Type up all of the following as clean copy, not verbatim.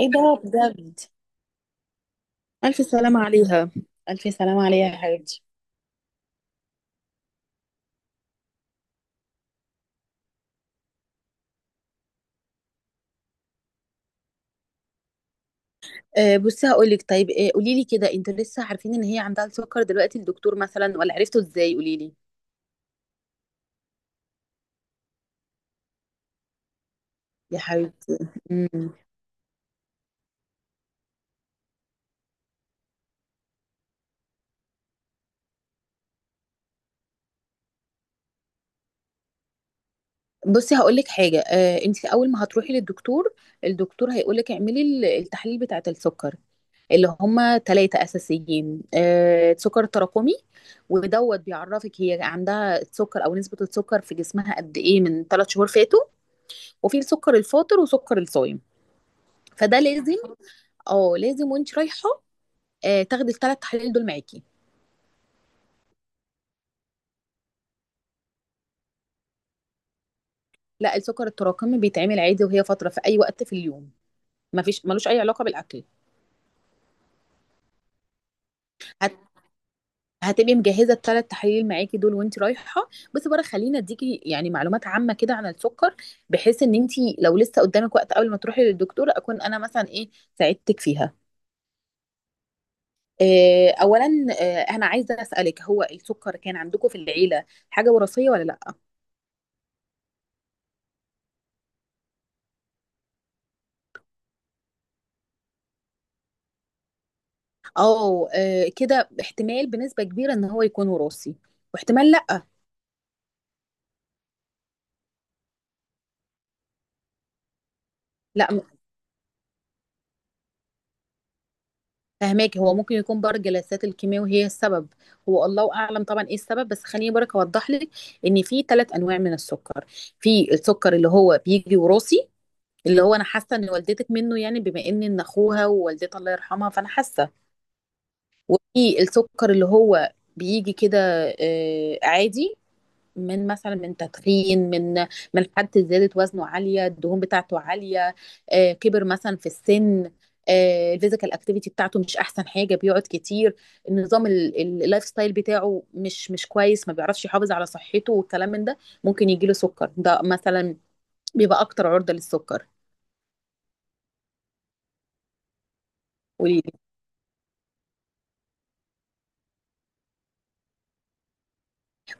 ايه ده بجد، الف سلامة عليها، الف سلامة عليها يا حبيبتي. بصي هقول لك. طيب قولي لي كده، انتوا لسه عارفين ان هي عندها السكر دلوقتي الدكتور مثلا ولا عرفتوا ازاي؟ قولي لي يا حبيبتي. مم. بصي هقول لك حاجه. انت اول ما هتروحي للدكتور، الدكتور هيقول لك اعملي التحاليل بتاعه السكر، اللي هما ثلاثه اساسيين. سكر تراكمي ودوت بيعرفك هي عندها السكر او نسبه السكر في جسمها قد ايه من ثلاث شهور فاتوا، وفي السكر الفاطر وسكر الصايم. فده لازم، اه لازم وانت رايحه، تاخدي الثلاث تحاليل دول معاكي. لا السكر التراكمي بيتعمل عادي وهي فتره في اي وقت في اليوم، مفيش ملوش اي علاقه بالاكل. هت... هتبقي مجهزه الثلاث تحاليل معاكي دول وانت رايحه. بس بره خلينا اديكي يعني معلومات عامه كده عن السكر، بحيث ان انت لو لسه قدامك وقت قبل ما تروحي للدكتور اكون انا مثلا ايه، ساعدتك فيها. اولا، انا عايزه اسالك هو السكر كان عندكم في العيله حاجه وراثيه ولا لا؟ اه كده احتمال بنسبة كبيرة ان هو يكون وراثي، واحتمال لا. لا م- فهماكي هو ممكن يكون برضه جلسات الكيماوي هي السبب، هو الله اعلم طبعا ايه السبب، بس خليني برك اوضح لك ان في ثلاث انواع من السكر. في السكر اللي هو بيجي وراثي، اللي هو انا حاسه ان والدتك منه، يعني بما ان اخوها ووالدتها الله يرحمها، فانا حاسه. وفي السكر اللي هو بيجي كده عادي، من مثلا من تدخين، من حد زادت وزنه عاليه، الدهون بتاعته عاليه، كبر مثلا في السن، الفيزيكال اكتيفيتي بتاعته مش احسن حاجه، بيقعد كتير، النظام اللايف ستايل بتاعه مش كويس، ما بيعرفش يحافظ على صحته والكلام من ده، ممكن يجيله سكر ده مثلا، بيبقى اكتر عرضه للسكر.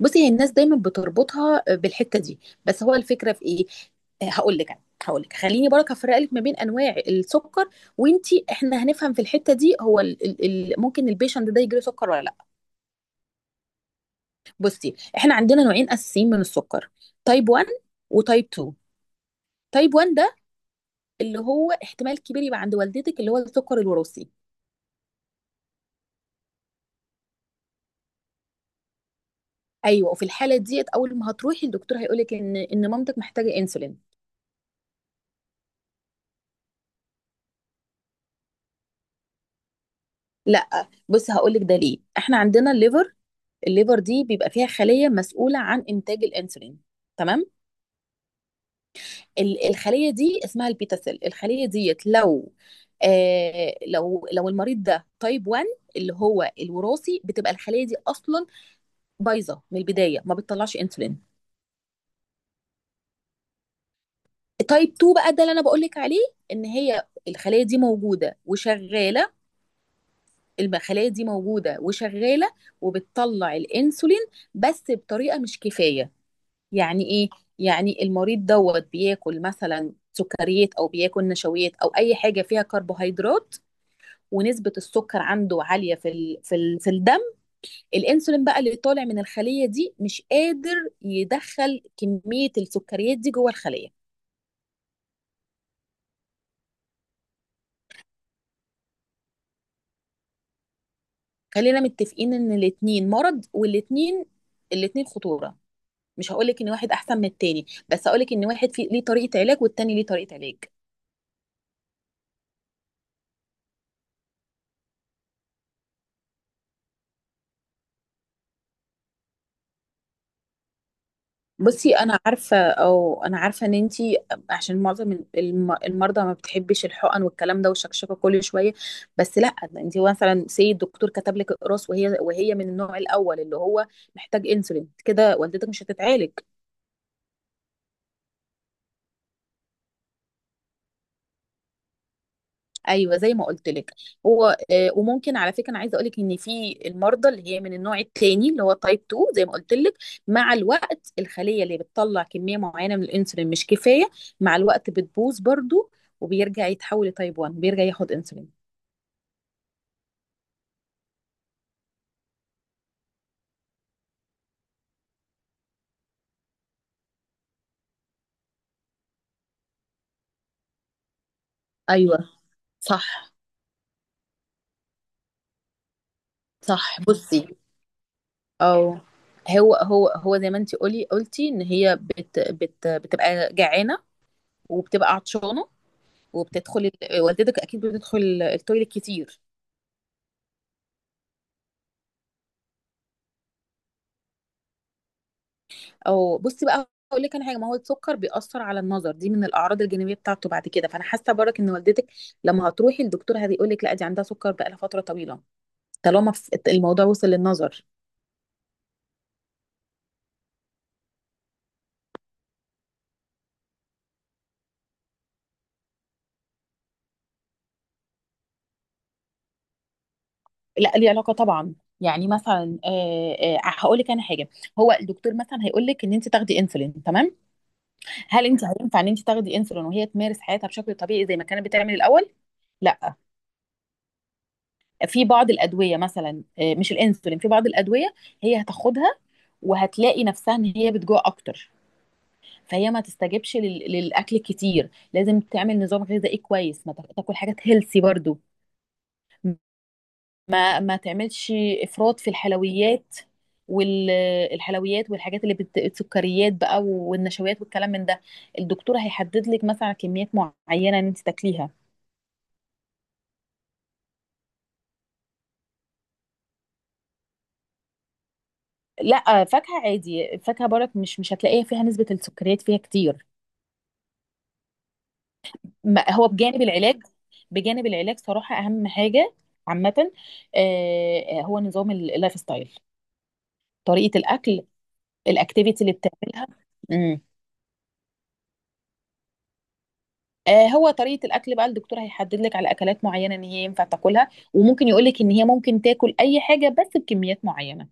بصي هي الناس دايما بتربطها بالحته دي، بس هو الفكره في ايه، هقول لك انا، هقول لك خليني برك هفرق لك ما بين انواع السكر، وانتي احنا هنفهم في الحته دي هو ال ال ال ممكن البيشنت ده يجيله سكر ولا لا. بصي احنا عندنا نوعين اساسيين من السكر، تايب 1 وتايب 2. تايب 1 ده اللي هو احتمال كبير يبقى عند والدتك، اللي هو السكر الوراثي. ايوه، وفي الحاله ديت اول ما هتروحي الدكتور هيقول لك ان مامتك محتاجه انسولين. لا بص هقولك ده ليه، احنا عندنا الليفر، الليفر دي بيبقى فيها خلية مسؤولة عن إنتاج الأنسولين، تمام؟ الخلية دي اسمها البيتا سيل. الخلية ديت لو لو المريض ده تايب 1، اللي هو الوراثي، بتبقى الخلية دي أصلا بايظة من البداية، ما بتطلعش أنسولين. تايب 2 بقى ده اللي أنا بقولك عليه، إن هي الخلية دي موجودة وشغالة، الخلية دي موجودة وشغالة وبتطلع الأنسولين، بس بطريقة مش كفاية. يعني ايه؟ يعني المريض دوت بياكل مثلا سكريات او بياكل نشويات او اي حاجه فيها كربوهيدرات، ونسبه السكر عنده عاليه في في الدم، الانسولين بقى اللي طالع من الخليه دي مش قادر يدخل كميه السكريات دي جوه الخليه. خلينا متفقين ان الاتنين مرض، والاتنين، الاتنين خطوره. مش هقولك ان واحد احسن من التاني، بس هقولك ان واحد فيه ليه طريقه علاج والتاني ليه طريقه علاج. بصي انا عارفه، او انا عارفه ان انتي، عشان معظم المرضى ما بتحبش الحقن والكلام ده والشكشكه كل شويه، بس لا ده انتي مثلا سي الدكتور كتب لك اقراص، وهي من النوع الاول اللي هو محتاج انسولين، كده والدتك مش هتتعالج. ايوه زي ما قلت لك. هو وممكن على فكره انا عايزه اقول لك ان في المرضى اللي هي من النوع الثاني اللي هو تايب 2 زي ما قلت لك، مع الوقت الخليه اللي بتطلع كميه معينه من الانسولين مش كفايه، مع الوقت بتبوظ برضو، وبيرجع يتحول لتايب 1، بيرجع ياخد انسولين. ايوه، صح. صح بصي. او هو هو زي ما انت قلتي ان هي بت بت بتبقى جعانه وبتبقى عطشانه، وبتدخل والدتك اكيد بتدخل التويليت كتير. او بصي بقى اقول لك انا حاجه، ما هو السكر بيأثر على النظر، دي من الاعراض الجانبيه بتاعته بعد كده، فانا حاسه برك ان والدتك لما هتروحي الدكتور هيقول لك لا دي عندها سكر بقى لها فتره طويله، طالما الموضوع وصل للنظر. لا ليه علاقه طبعا. يعني مثلا، هقول لك انا حاجه، هو الدكتور مثلا هيقول لك ان انت تاخدي انسولين، تمام. هل انت هينفع ان انت تاخدي انسولين وهي تمارس حياتها بشكل طبيعي زي ما كانت بتعمل الاول؟ لا. في بعض الادويه مثلا، مش الانسولين، في بعض الادويه هي هتاخدها وهتلاقي نفسها ان هي بتجوع اكتر، فهي ما تستجبش للاكل الكتير، لازم تعمل نظام غذائي كويس، ما تاكل حاجات هيلسي برضو، ما تعملش افراط في الحلويات، والحلويات والحاجات السكريات بقى والنشويات والكلام من ده، الدكتور هيحدد لك مثلا كميات معينه ان انت تاكليها. لا فاكهه عادي، الفاكهه برك مش هتلاقيها فيها نسبه السكريات فيها كتير. ما هو بجانب العلاج، بجانب العلاج صراحة أهم حاجة عامة هو نظام اللايف ستايل، طريقة الأكل، الأكتيفيتي اللي بتعملها. امم. هو طريقة الأكل بقى الدكتور هيحدد لك على أكلات معينة إن هي ينفع تاكلها، وممكن يقول لك إن هي ممكن تاكل أي حاجة بس بكميات معينة.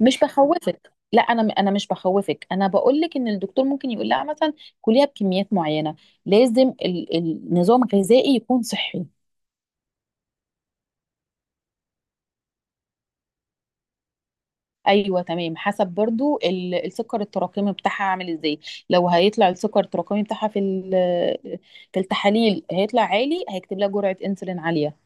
مش بخوفك، لا أنا مش بخوفك، أنا بقول لك إن الدكتور ممكن يقول لها مثلا كليها بكميات معينة، لازم النظام الغذائي يكون صحي. ايوه تمام، حسب برضو السكر التراكمي بتاعها عامل ازاي، لو هيطلع السكر التراكمي بتاعها في في التحاليل هيطلع عالي، هيكتب لها جرعه انسولين عاليه.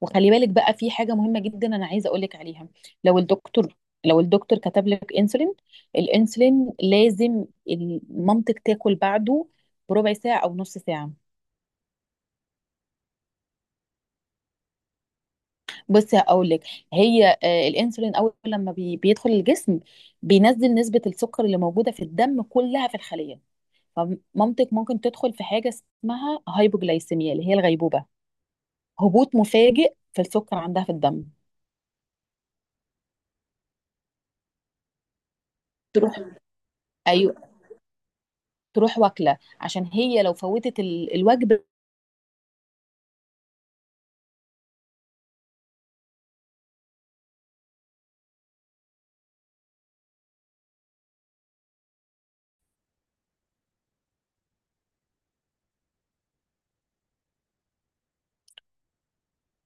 وخلي بالك بقى في حاجه مهمه جدا انا عايزه اقول لك عليها، لو الدكتور، لو الدكتور كتب لك انسولين، الانسولين لازم مامتك تاكل بعده بربع ساعه او نص ساعه. بصي هقول لك، هي الانسولين اول لما بيدخل الجسم، بينزل نسبه السكر اللي موجوده في الدم كلها في الخليه، فمامتك ممكن تدخل في حاجة اسمها هايبوجلايسيميا، اللي هي الغيبوبة، هبوط مفاجئ في السكر عندها في الدم. تروح، ايوه، تروح واكله عشان هي لو فوتت الوجبه،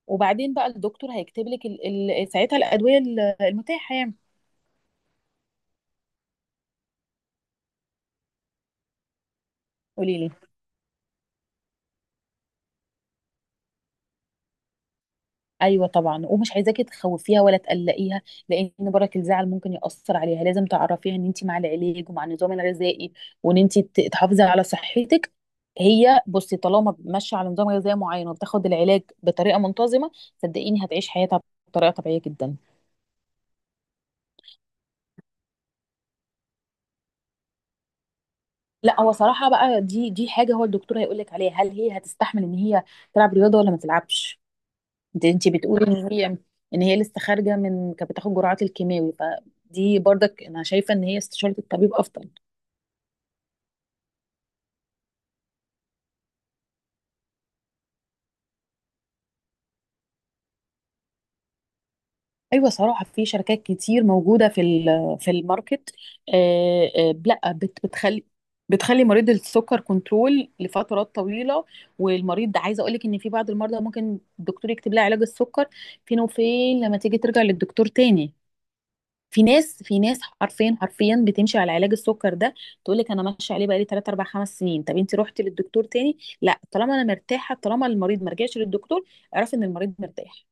وبعدين بقى الدكتور هيكتب لك ساعتها الادويه المتاحه يعني. قولي لي. ايوه طبعا، ومش عايزاكي تخوفيها ولا تقلقيها لان برك الزعل ممكن ياثر عليها، لازم تعرفيها ان انت مع العلاج ومع النظام الغذائي، وان انت تحافظي على صحتك. هي بصي طالما ماشيه على نظام غذائي معين وبتاخد العلاج بطريقه منتظمه، صدقيني هتعيش حياتها بطريقه طبيعيه جدا. لا هو صراحه بقى، دي حاجه هو الدكتور هيقول لك عليها، هل هي هتستحمل ان هي تلعب رياضه ولا ما تلعبش؟ انت بتقولي ان هي، ان هي لسه خارجه من كانت بتاخد جرعات الكيماوي، فدي برضك انا شايفه ان هي استشاره الطبيب افضل. ايوه صراحه في شركات كتير موجوده في في الماركت، لا بتخلي مريض السكر كنترول لفترات طويله. والمريض ده عايزه اقول لك ان في بعض المرضى ممكن الدكتور يكتب لها علاج السكر، فين وفين لما تيجي ترجع للدكتور تاني. في ناس حرفيا، بتمشي على علاج السكر ده، تقول لك انا ماشيه عليه بقالي 3 4 5 سنين. طب انت رحتي للدكتور تاني؟ لا طالما انا مرتاحه. طالما المريض ما رجعش للدكتور اعرفي ان المريض مرتاح.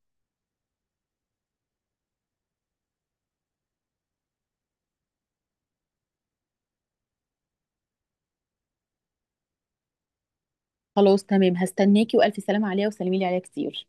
خلاص تمام هستناكي، والف سلامه عليها وسلمي لي عليها كتير.